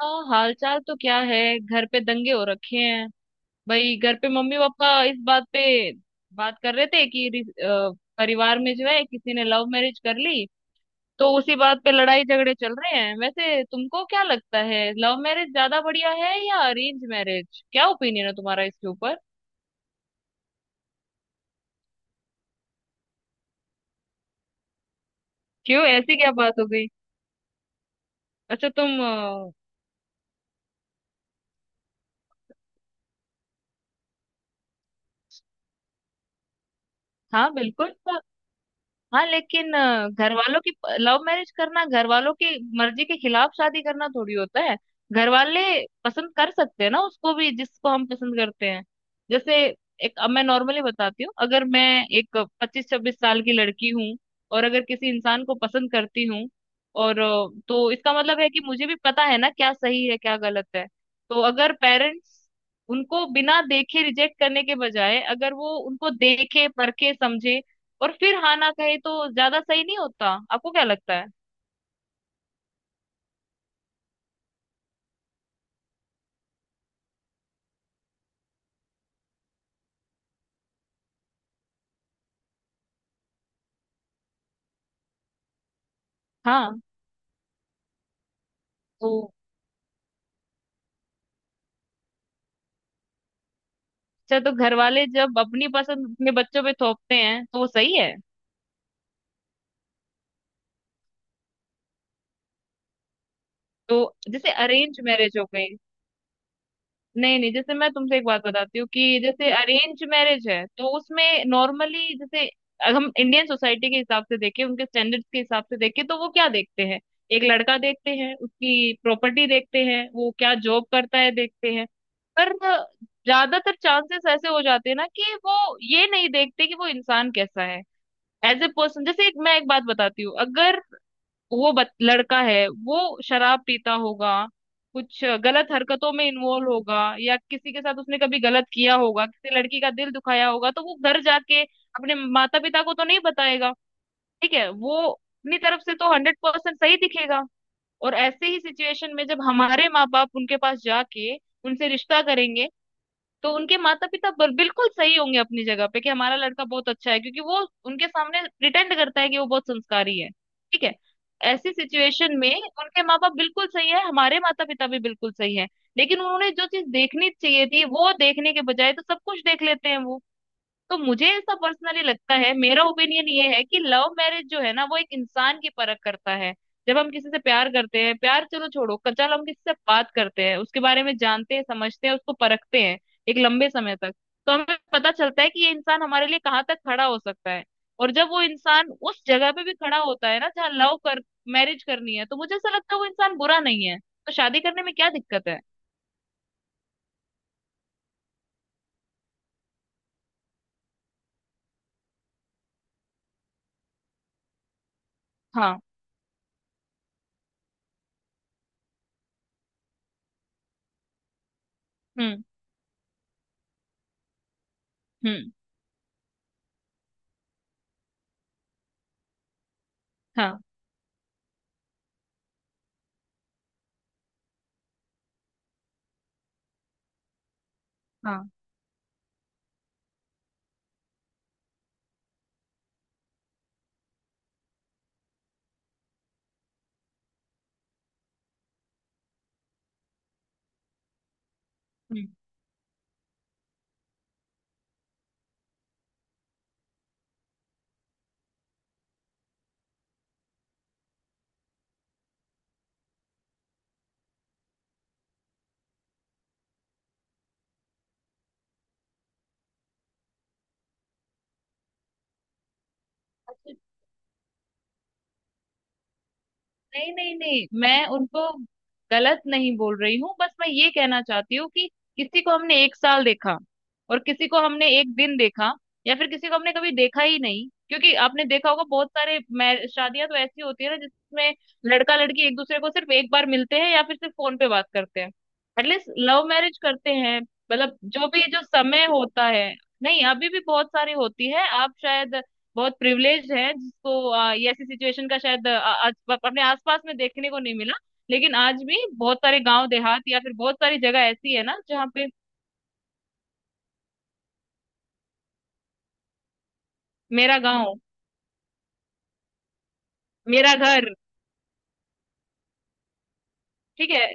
हाँ, हालचाल तो क्या है। घर पे दंगे हो रखे हैं भाई। घर पे मम्मी पापा इस बात पे बात कर रहे थे कि परिवार में जो है किसी ने लव मैरिज कर ली तो उसी बात पे लड़ाई झगड़े चल रहे हैं। वैसे तुमको क्या लगता है, लव मैरिज ज्यादा बढ़िया है या अरेंज मैरिज? क्या ओपिनियन है तुम्हारा इसके ऊपर? क्यों, ऐसी क्या बात हो गई? अच्छा तुम हाँ बिल्कुल। हाँ लेकिन घर वालों की लव मैरिज करना घर वालों की मर्जी के खिलाफ शादी करना थोड़ी होता है। घर वाले पसंद कर सकते हैं ना उसको भी जिसको हम पसंद करते हैं। जैसे एक, अब मैं नॉर्मली बताती हूँ, अगर मैं एक पच्चीस छब्बीस साल की लड़की हूँ और अगर किसी इंसान को पसंद करती हूँ और तो इसका मतलब है कि मुझे भी पता है ना क्या सही है क्या गलत है। तो अगर पेरेंट्स उनको बिना देखे रिजेक्ट करने के बजाय अगर वो उनको देखे परखे समझे और फिर हाँ ना कहे तो ज्यादा सही नहीं होता? आपको क्या लगता है? हाँ। तो अच्छा, तो घर वाले जब अपनी पसंद अपने बच्चों पे थोपते हैं तो वो सही है? तो जैसे अरेंज मैरिज हो गई। नहीं नहीं, जैसे मैं तुमसे एक बात बताती हूँ कि जैसे अरेंज मैरिज है तो उसमें नॉर्मली जैसे अगर हम इंडियन सोसाइटी के हिसाब से देखें, उनके स्टैंडर्ड्स के हिसाब से देखें, तो वो क्या देखते हैं। एक लड़का देखते हैं, उसकी प्रॉपर्टी देखते हैं, वो क्या जॉब करता है देखते हैं। पर ज्यादातर चांसेस ऐसे हो जाते हैं ना कि वो ये नहीं देखते कि वो इंसान कैसा है एज ए पर्सन। जैसे एक, मैं एक बात बताती हूँ, अगर लड़का है वो शराब पीता होगा, कुछ गलत हरकतों में इन्वॉल्व होगा या किसी के साथ उसने कभी गलत किया होगा, किसी लड़की का दिल दुखाया होगा, तो वो घर जाके अपने माता पिता को तो नहीं बताएगा। ठीक है, वो अपनी तरफ से तो हंड्रेड परसेंट सही दिखेगा। और ऐसे ही सिचुएशन में जब हमारे माँ बाप उनके पास जाके उनसे रिश्ता करेंगे तो उनके माता पिता बिल्कुल सही होंगे अपनी जगह पे कि हमारा लड़का बहुत अच्छा है क्योंकि वो उनके सामने प्रिटेंड करता है कि वो बहुत संस्कारी है। ठीक है। ऐसी सिचुएशन में उनके माँ बाप बिल्कुल सही है, हमारे माता पिता भी बिल्कुल सही है। लेकिन उन्होंने जो चीज देखनी चाहिए थी वो देखने के बजाय तो सब कुछ देख लेते हैं वो। तो मुझे ऐसा पर्सनली लगता है, मेरा ओपिनियन ये है कि लव मैरिज जो है ना वो एक इंसान की परख करता है। जब हम किसी से प्यार करते हैं, प्यार चलो छोड़ो कच्चा, हम किसी से बात करते हैं, उसके बारे में जानते हैं समझते हैं, उसको परखते हैं एक लंबे समय तक। तो हमें पता चलता है कि ये इंसान हमारे लिए कहाँ तक खड़ा हो सकता है। और जब वो इंसान उस जगह पे भी खड़ा होता है ना जहाँ लव कर मैरिज करनी है, तो मुझे ऐसा लगता है वो इंसान बुरा नहीं है तो शादी करने में क्या दिक्कत है? हाँ। हम्म। हम्म। हाँ। हाँ। हम्म। नहीं नहीं नहीं, मैं उनको गलत नहीं बोल रही हूँ, बस मैं ये कहना चाहती हूँ कि किसी को हमने एक साल देखा और किसी को हमने एक दिन देखा या फिर किसी को हमने कभी देखा ही नहीं, क्योंकि आपने देखा होगा बहुत सारे शादियां तो ऐसी होती है ना जिसमें लड़का लड़की एक दूसरे को सिर्फ एक बार मिलते हैं या फिर सिर्फ फोन पे बात करते हैं। एटलीस्ट लव मैरिज करते हैं मतलब जो भी जो समय होता है। नहीं, अभी भी बहुत सारी होती है, आप शायद बहुत प्रिविलेज है जिसको ये ऐसी सिचुएशन का शायद आज अपने आसपास में देखने को नहीं मिला। लेकिन आज भी बहुत सारे गांव देहात या फिर बहुत सारी जगह ऐसी है ना जहाँ पे। मेरा गांव। मेरा घर। ठीक है।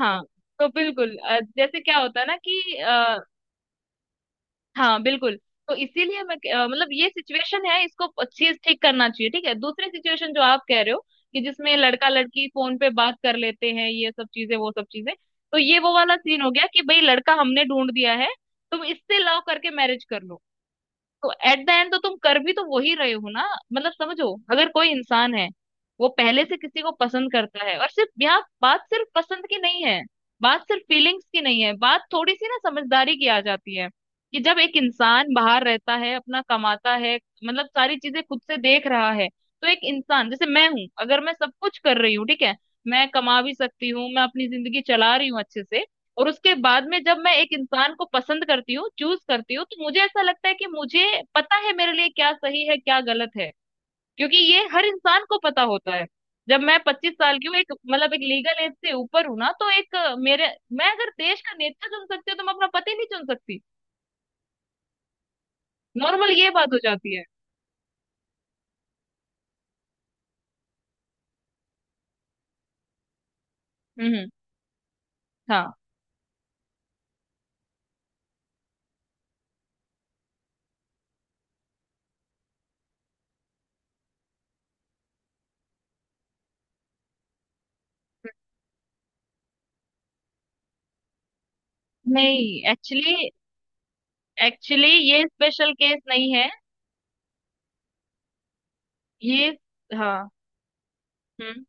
हाँ। तो बिल्कुल जैसे क्या होता है ना कि। हाँ बिल्कुल। तो इसीलिए मैं मतलब ये सिचुएशन है, इसको चीज ठीक करना चाहिए। ठीक है, दूसरी सिचुएशन जो आप कह रहे हो, कि जिसमें लड़का लड़की फोन पे बात कर लेते हैं, ये सब चीजें वो सब चीजें। तो ये वो वाला सीन हो गया कि भाई लड़का हमने ढूंढ दिया है, तुम इससे लव करके मैरिज कर लो। तो एट द एंड तो तुम कर भी तो वही रहे हो ना। मतलब समझो, अगर कोई इंसान है वो पहले से किसी को पसंद करता है और सिर्फ यहाँ बात सिर्फ पसंद की नहीं है, बात सिर्फ फीलिंग्स की नहीं है, बात थोड़ी सी ना समझदारी की आ जाती है कि जब एक इंसान बाहर रहता है, अपना कमाता है, मतलब सारी चीजें खुद से देख रहा है। तो एक इंसान जैसे मैं हूँ, अगर मैं सब कुछ कर रही हूँ, ठीक है, मैं कमा भी सकती हूँ, मैं अपनी जिंदगी चला रही हूँ अच्छे से, और उसके बाद में जब मैं एक इंसान को पसंद करती हूँ, चूज करती हूँ, तो मुझे ऐसा लगता है कि मुझे पता है मेरे लिए क्या सही है क्या गलत है, क्योंकि ये हर इंसान को पता होता है। जब मैं पच्चीस साल की हूँ, एक मतलब एक लीगल एज से ऊपर हूँ ना, तो एक मेरे, मैं अगर देश का नेता चुन सकती हूँ तो मैं अपना पति नहीं चुन सकती? नॉर्मल ये बात हो जाती है। हम्म। हाँ। नहीं एक्चुअली एक्चुअली ये स्पेशल केस नहीं है। ये। हाँ। हम्म।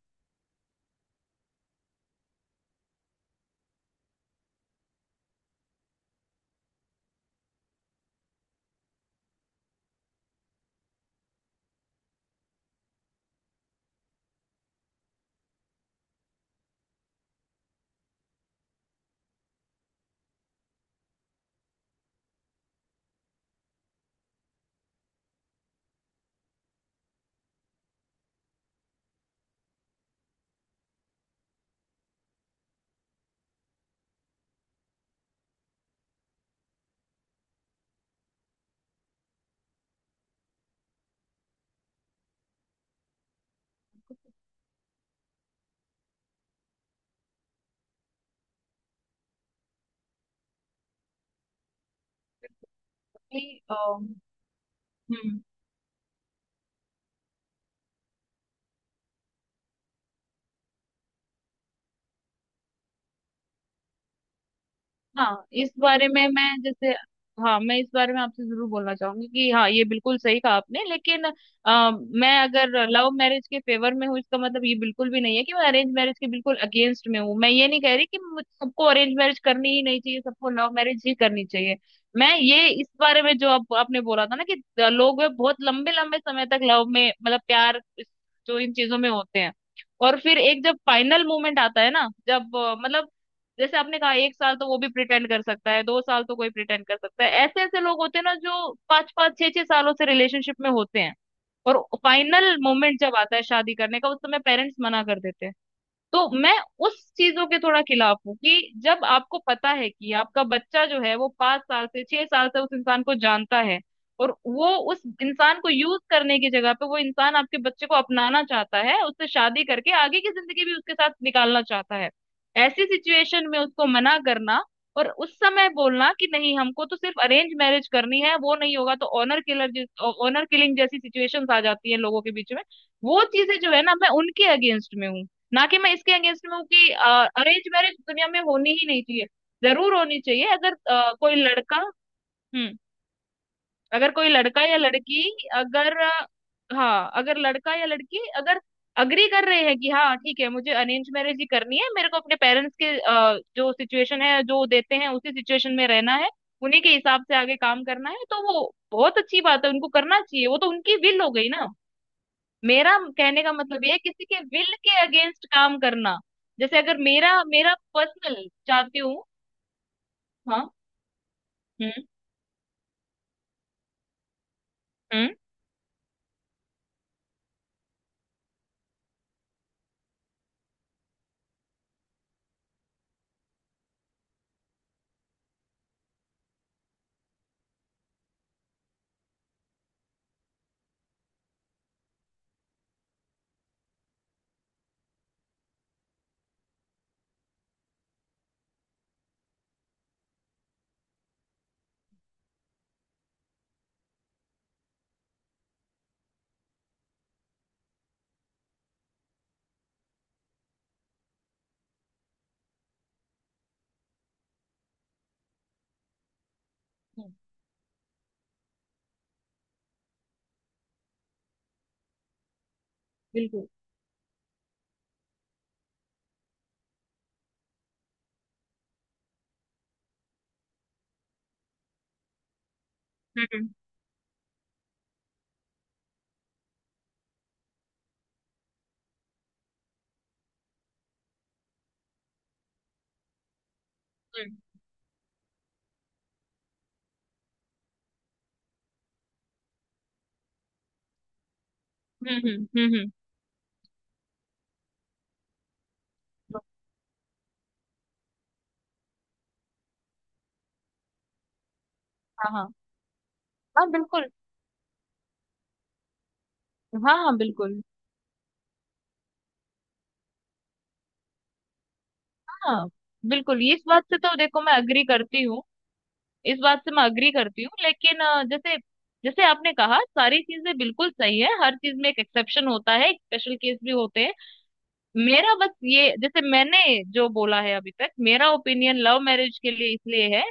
अभी, हम्म। हाँ, इस बारे में मैं जैसे। हाँ, मैं इस बारे में आपसे जरूर बोलना चाहूंगी कि हाँ ये बिल्कुल सही कहा आपने, लेकिन अ, मैं अगर लव मैरिज के फेवर में हूँ, इसका मतलब ये बिल्कुल भी नहीं है कि मैं अरेंज मैरिज के बिल्कुल अगेंस्ट में हूँ। मैं ये नहीं कह रही कि सबको अरेंज मैरिज करनी ही नहीं चाहिए, सबको लव मैरिज ही करनी चाहिए। मैं ये इस बारे में, जो आपने बोला था ना, कि लोग वे बहुत लंबे लंबे समय तक लव में, मतलब प्यार, जो इन चीजों में होते हैं, और फिर एक जब फाइनल मोमेंट आता है ना, जब मतलब, जैसे आपने कहा एक साल तो वो भी प्रिटेंड कर सकता है, दो साल तो कोई प्रिटेंड कर सकता है, ऐसे ऐसे लोग होते हैं ना जो पांच पांच छह छह सालों से रिलेशनशिप में होते हैं। और फाइनल मोमेंट जब आता है शादी करने का, उस समय पेरेंट्स मना कर देते हैं। तो मैं उस चीजों के थोड़ा खिलाफ हूँ कि जब आपको पता है कि आपका बच्चा जो है वो पांच साल से छह साल से उस इंसान को जानता है और वो उस इंसान को यूज करने की जगह पे वो इंसान आपके बच्चे को अपनाना चाहता है, उससे शादी करके आगे की जिंदगी भी उसके साथ निकालना चाहता है, ऐसी सिचुएशन में उसको मना करना और उस समय बोलना कि नहीं हमको तो सिर्फ अरेंज मैरिज करनी है, वो नहीं होगा तो ऑनर किलिंग जैसी सिचुएशंस आ जाती है लोगों के बीच में। वो चीजें जो है ना, मैं उनके अगेंस्ट में हूँ, ना कि मैं इसके अगेंस्ट में हूँ कि अरेंज मैरिज दुनिया में होनी ही नहीं चाहिए। जरूर होनी चाहिए, अगर कोई लड़का। हम्म। अगर कोई लड़का या लड़की, अगर हाँ, अगर लड़का या लड़की अगर अग्री कर रहे हैं कि हाँ ठीक है मुझे अरेंज मैरिज ही करनी है, मेरे को अपने पेरेंट्स के जो सिचुएशन है जो देते हैं उसी सिचुएशन में रहना है, उन्हीं के हिसाब से आगे काम करना है, तो वो बहुत अच्छी बात है, उनको करना चाहिए, वो तो उनकी विल हो गई ना। मेरा कहने का मतलब ये है किसी के विल के अगेंस्ट काम करना। जैसे अगर मेरा मेरा पर्सनल चाहती हूँ। हाँ। हम्म। हम्म। हम्म, बिल्कुल। हम्म। हम्म। हम्म। हम्म। हाँ। हाँ। हाँ बिल्कुल। हाँ। हाँ बिल्कुल। हाँ बिल्कुल, ये इस बात से तो देखो मैं अग्री करती हूँ। इस बात से मैं अग्री करती हूँ, लेकिन जैसे जैसे आपने कहा, सारी चीजें बिल्कुल सही है, हर चीज में एक एक्सेप्शन होता है, स्पेशल केस भी होते हैं। मेरा बस ये, जैसे मैंने जो बोला है अभी तक, मेरा ओपिनियन लव मैरिज के लिए इसलिए है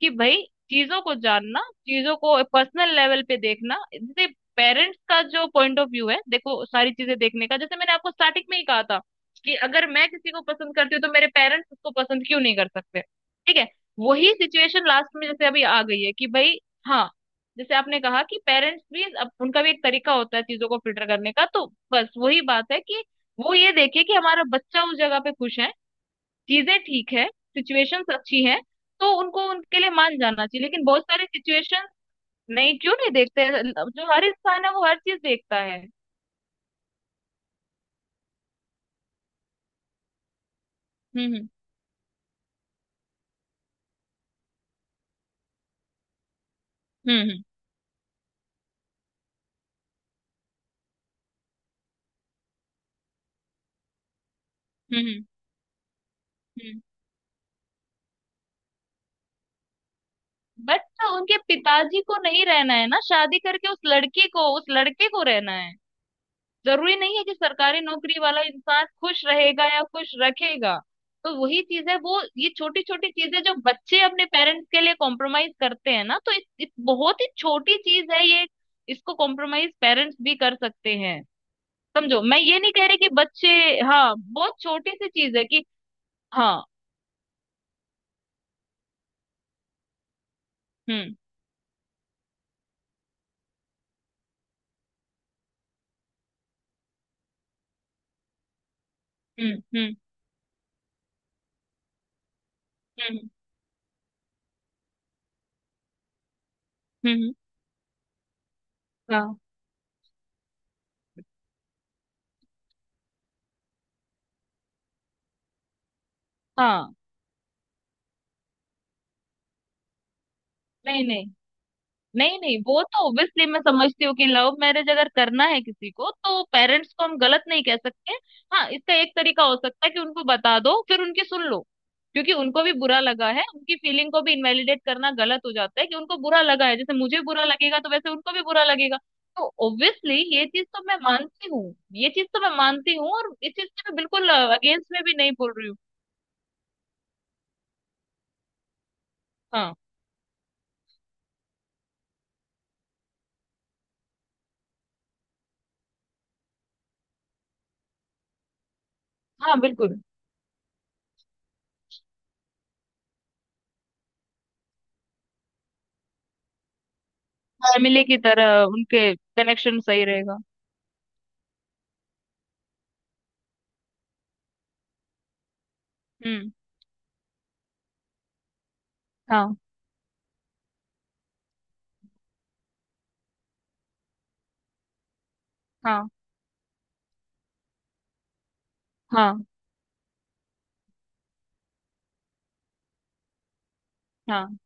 कि भाई चीजों को जानना, चीजों को पर्सनल लेवल पे देखना, जैसे पेरेंट्स का जो पॉइंट ऑफ व्यू है, देखो सारी चीजें देखने का, जैसे मैंने आपको स्टार्टिंग में ही कहा था कि अगर मैं किसी को पसंद करती हूँ तो मेरे पेरेंट्स उसको पसंद क्यों नहीं कर सकते। ठीक है। वही सिचुएशन लास्ट में जैसे अभी आ गई है कि भाई, हाँ, जैसे आपने कहा कि पेरेंट्स भी, अब उनका भी एक तरीका होता है चीजों को फिल्टर करने का, तो बस वही बात है कि वो ये देखे कि हमारा बच्चा उस जगह पे खुश है, चीजें ठीक है, सिचुएशंस अच्छी है, तो उनको उनके लिए मान जाना चाहिए, लेकिन बहुत सारे सिचुएशंस नहीं क्यों नहीं देखते। जो हर इंसान है वो हर चीज देखता है। हम्म। हम्म। हम्म। हम्म। हम्म। हम्म। हम्म। बट उनके पिताजी को नहीं रहना है ना, शादी करके उस लड़की को उस लड़के को रहना है। जरूरी नहीं है कि सरकारी नौकरी वाला इंसान खुश रहेगा या खुश रखेगा। तो वही चीज है, वो ये छोटी छोटी चीजें जो बच्चे अपने पेरेंट्स के लिए कॉम्प्रोमाइज करते हैं ना, तो इस बहुत ही छोटी चीज है ये। इसको कॉम्प्रोमाइज पेरेंट्स भी कर सकते हैं। समझो मैं ये नहीं कह रही कि बच्चे। हाँ, बहुत छोटी सी चीज है कि। हाँ। हम्म। हम्म। हम्म। हम्म। हम्म। हाँ। हाँ। नहीं, नहीं। नहीं, नहीं, वो तो ऑब्वियसली मैं समझती हूँ कि लव मैरिज अगर करना है किसी को, तो पेरेंट्स को हम गलत नहीं कह सकते। हाँ, इसका एक तरीका हो सकता है कि उनको बता दो फिर उनकी सुन लो। क्योंकि उनको भी बुरा लगा है, उनकी फीलिंग को भी इनवैलिडेट करना गलत हो जाता है कि उनको बुरा लगा है, जैसे मुझे बुरा लगेगा तो वैसे उनको भी बुरा लगेगा। तो ऑब्वियसली ये चीज तो मैं मानती हूँ। ये चीज तो मैं मानती हूँ और इस चीज से मैं बिल्कुल अगेंस्ट में भी नहीं बोल रही हूँ। हाँ, हाँ, बिल्कुल। फैमिली की तरह उनके कनेक्शन सही रहेगा। हम्म। हाँ। हाँ। हाँ। हाँ।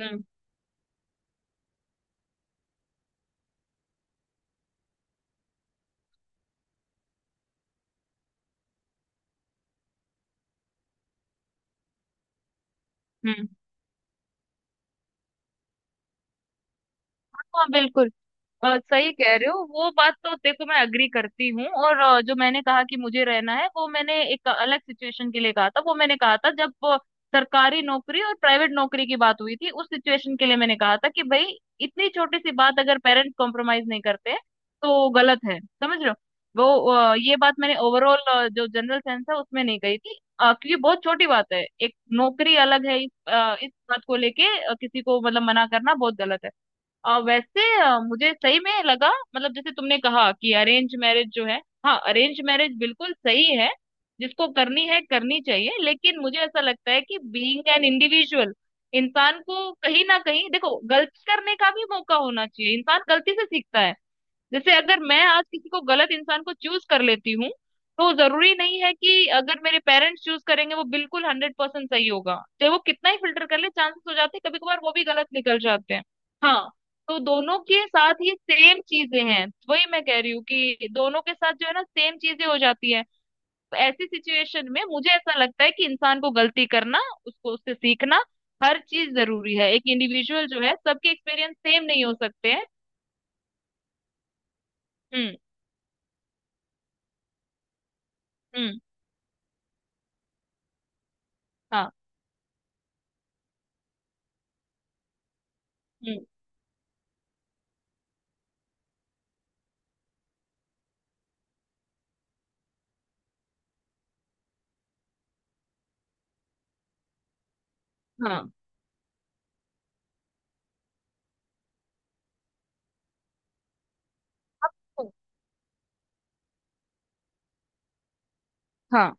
हम्म। हम्म। हाँ, हाँ, बिल्कुल। सही कह रहे हो। वो बात तो देखो, मैं अग्री करती हूँ। और जो मैंने कहा कि मुझे रहना है, वो मैंने एक अलग सिचुएशन के लिए कहा था। वो मैंने कहा था जब सरकारी नौकरी और प्राइवेट नौकरी की बात हुई थी, उस सिचुएशन के लिए मैंने कहा था कि भाई इतनी छोटी सी बात अगर पेरेंट्स कॉम्प्रोमाइज नहीं करते हैं, तो गलत है, समझ रहे हो। वो ये बात मैंने ओवरऑल जो जनरल सेंस है उसमें नहीं कही थी, क्योंकि बहुत छोटी बात है, एक नौकरी अलग है, इस बात को लेके किसी को मतलब मना करना बहुत गलत है। वैसे मुझे सही में लगा, मतलब जैसे तुमने कहा कि अरेंज मैरिज जो है। हाँ, अरेंज मैरिज बिल्कुल सही है। जिसको करनी है करनी चाहिए, लेकिन मुझे ऐसा लगता है कि बीइंग एन इंडिविजुअल इंसान को कहीं ना कहीं, देखो, गलती करने का भी मौका होना चाहिए। इंसान गलती से सीखता है। जैसे अगर मैं आज किसी को गलत इंसान को चूज कर लेती हूँ, तो जरूरी नहीं है कि अगर मेरे पेरेंट्स चूज करेंगे वो बिल्कुल 100% सही होगा। चाहे वो कितना ही फिल्टर कर ले, चांसेस हो जाते हैं, कभी कभार वो भी गलत निकल जाते हैं। हाँ। तो दोनों के साथ ये सेम चीजें हैं। वही मैं कह रही हूँ कि दोनों के साथ जो है ना, सेम चीजें हो जाती है। तो ऐसी सिचुएशन में मुझे ऐसा लगता है कि इंसान को गलती करना, उसको उससे सीखना, हर चीज जरूरी है। एक इंडिविजुअल जो है, सबके एक्सपीरियंस सेम नहीं हो सकते हैं। हम्म। हम्म। हाँ। हम्म। हाँ। अब- हाँ,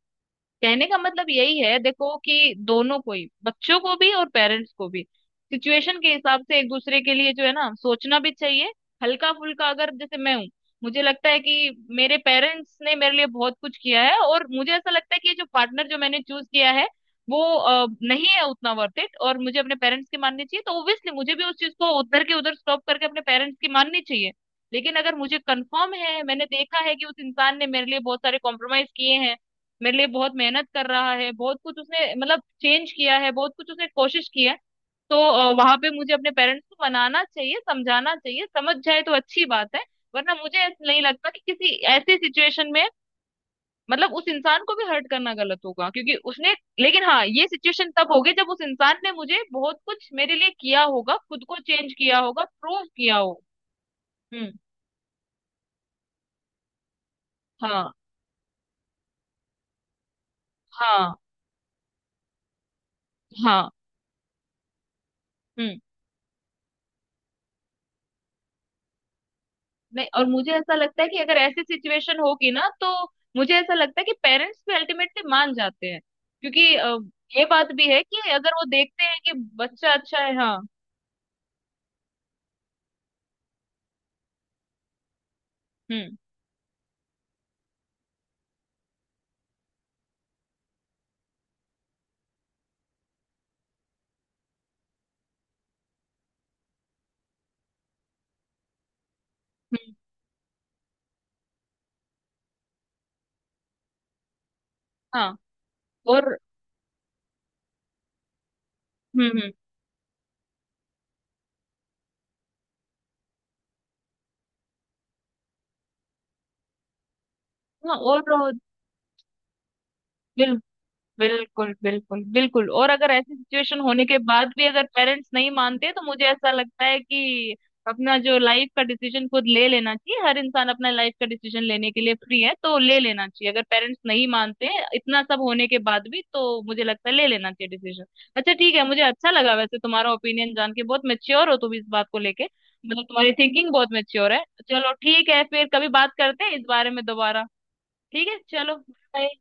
कहने का मतलब यही है, देखो कि दोनों को ही, बच्चों को भी और पेरेंट्स को भी, सिचुएशन के हिसाब से एक दूसरे के लिए जो है ना, सोचना भी चाहिए। हल्का फुल्का, अगर जैसे मैं हूँ, मुझे लगता है कि मेरे पेरेंट्स ने मेरे लिए बहुत कुछ किया है और मुझे ऐसा लगता है कि ये जो पार्टनर जो मैंने चूज किया है वो नहीं है उतना वर्थ इट, और मुझे अपने पेरेंट्स की माननी चाहिए, तो ओब्वियसली मुझे भी उस चीज को उधर के उधर स्टॉप करके अपने पेरेंट्स की माननी चाहिए। लेकिन अगर मुझे कंफर्म है, मैंने देखा है कि उस इंसान ने मेरे लिए बहुत सारे कॉम्प्रोमाइज किए हैं, मेरे लिए बहुत मेहनत कर रहा है, बहुत कुछ उसने मतलब चेंज किया है, बहुत कुछ उसने कोशिश किया है, तो वहां पे मुझे अपने पेरेंट्स को मनाना चाहिए, समझाना चाहिए, समझ जाए तो अच्छी बात है। वरना मुझे ऐसा नहीं लगता कि किसी ऐसी सिचुएशन में, मतलब उस इंसान को भी हर्ट करना गलत होगा, क्योंकि उसने। लेकिन हाँ, ये सिचुएशन तब होगी जब उस इंसान ने मुझे बहुत कुछ मेरे लिए किया होगा, खुद को चेंज किया होगा, प्रूव किया हो। हम्म। हाँ। हाँ। हाँ। हम्म। नहीं, और मुझे ऐसा लगता है कि अगर ऐसी सिचुएशन होगी ना, तो मुझे ऐसा लगता है कि पेरेंट्स भी अल्टीमेटली मान जाते हैं। क्योंकि ये बात भी है कि अगर वो देखते हैं कि बच्चा अच्छा है। हाँ। हम्म। हम्म। हाँ। और। हम्म। हम्म। हाँ और बिल्कुल। बिल्कुल, बिल्कुल, बिल्कुल, और अगर ऐसी सिचुएशन होने के बाद भी अगर पेरेंट्स नहीं मानते, तो मुझे ऐसा लगता है कि अपना जो लाइफ का डिसीजन खुद ले लेना चाहिए। हर इंसान अपना लाइफ का डिसीजन लेने के लिए फ्री है, तो ले लेना चाहिए। अगर पेरेंट्स नहीं मानते हैं इतना सब होने के बाद भी, तो मुझे लगता है ले लेना चाहिए डिसीजन। अच्छा, ठीक है, मुझे अच्छा लगा वैसे तुम्हारा ओपिनियन जान के। बहुत मेच्योर हो तुम इस बात को लेके, मतलब तुम्हारी थिंकिंग बहुत मेच्योर है। चलो ठीक है, फिर कभी बात करते हैं इस बारे में दोबारा। ठीक है, चलो बाय।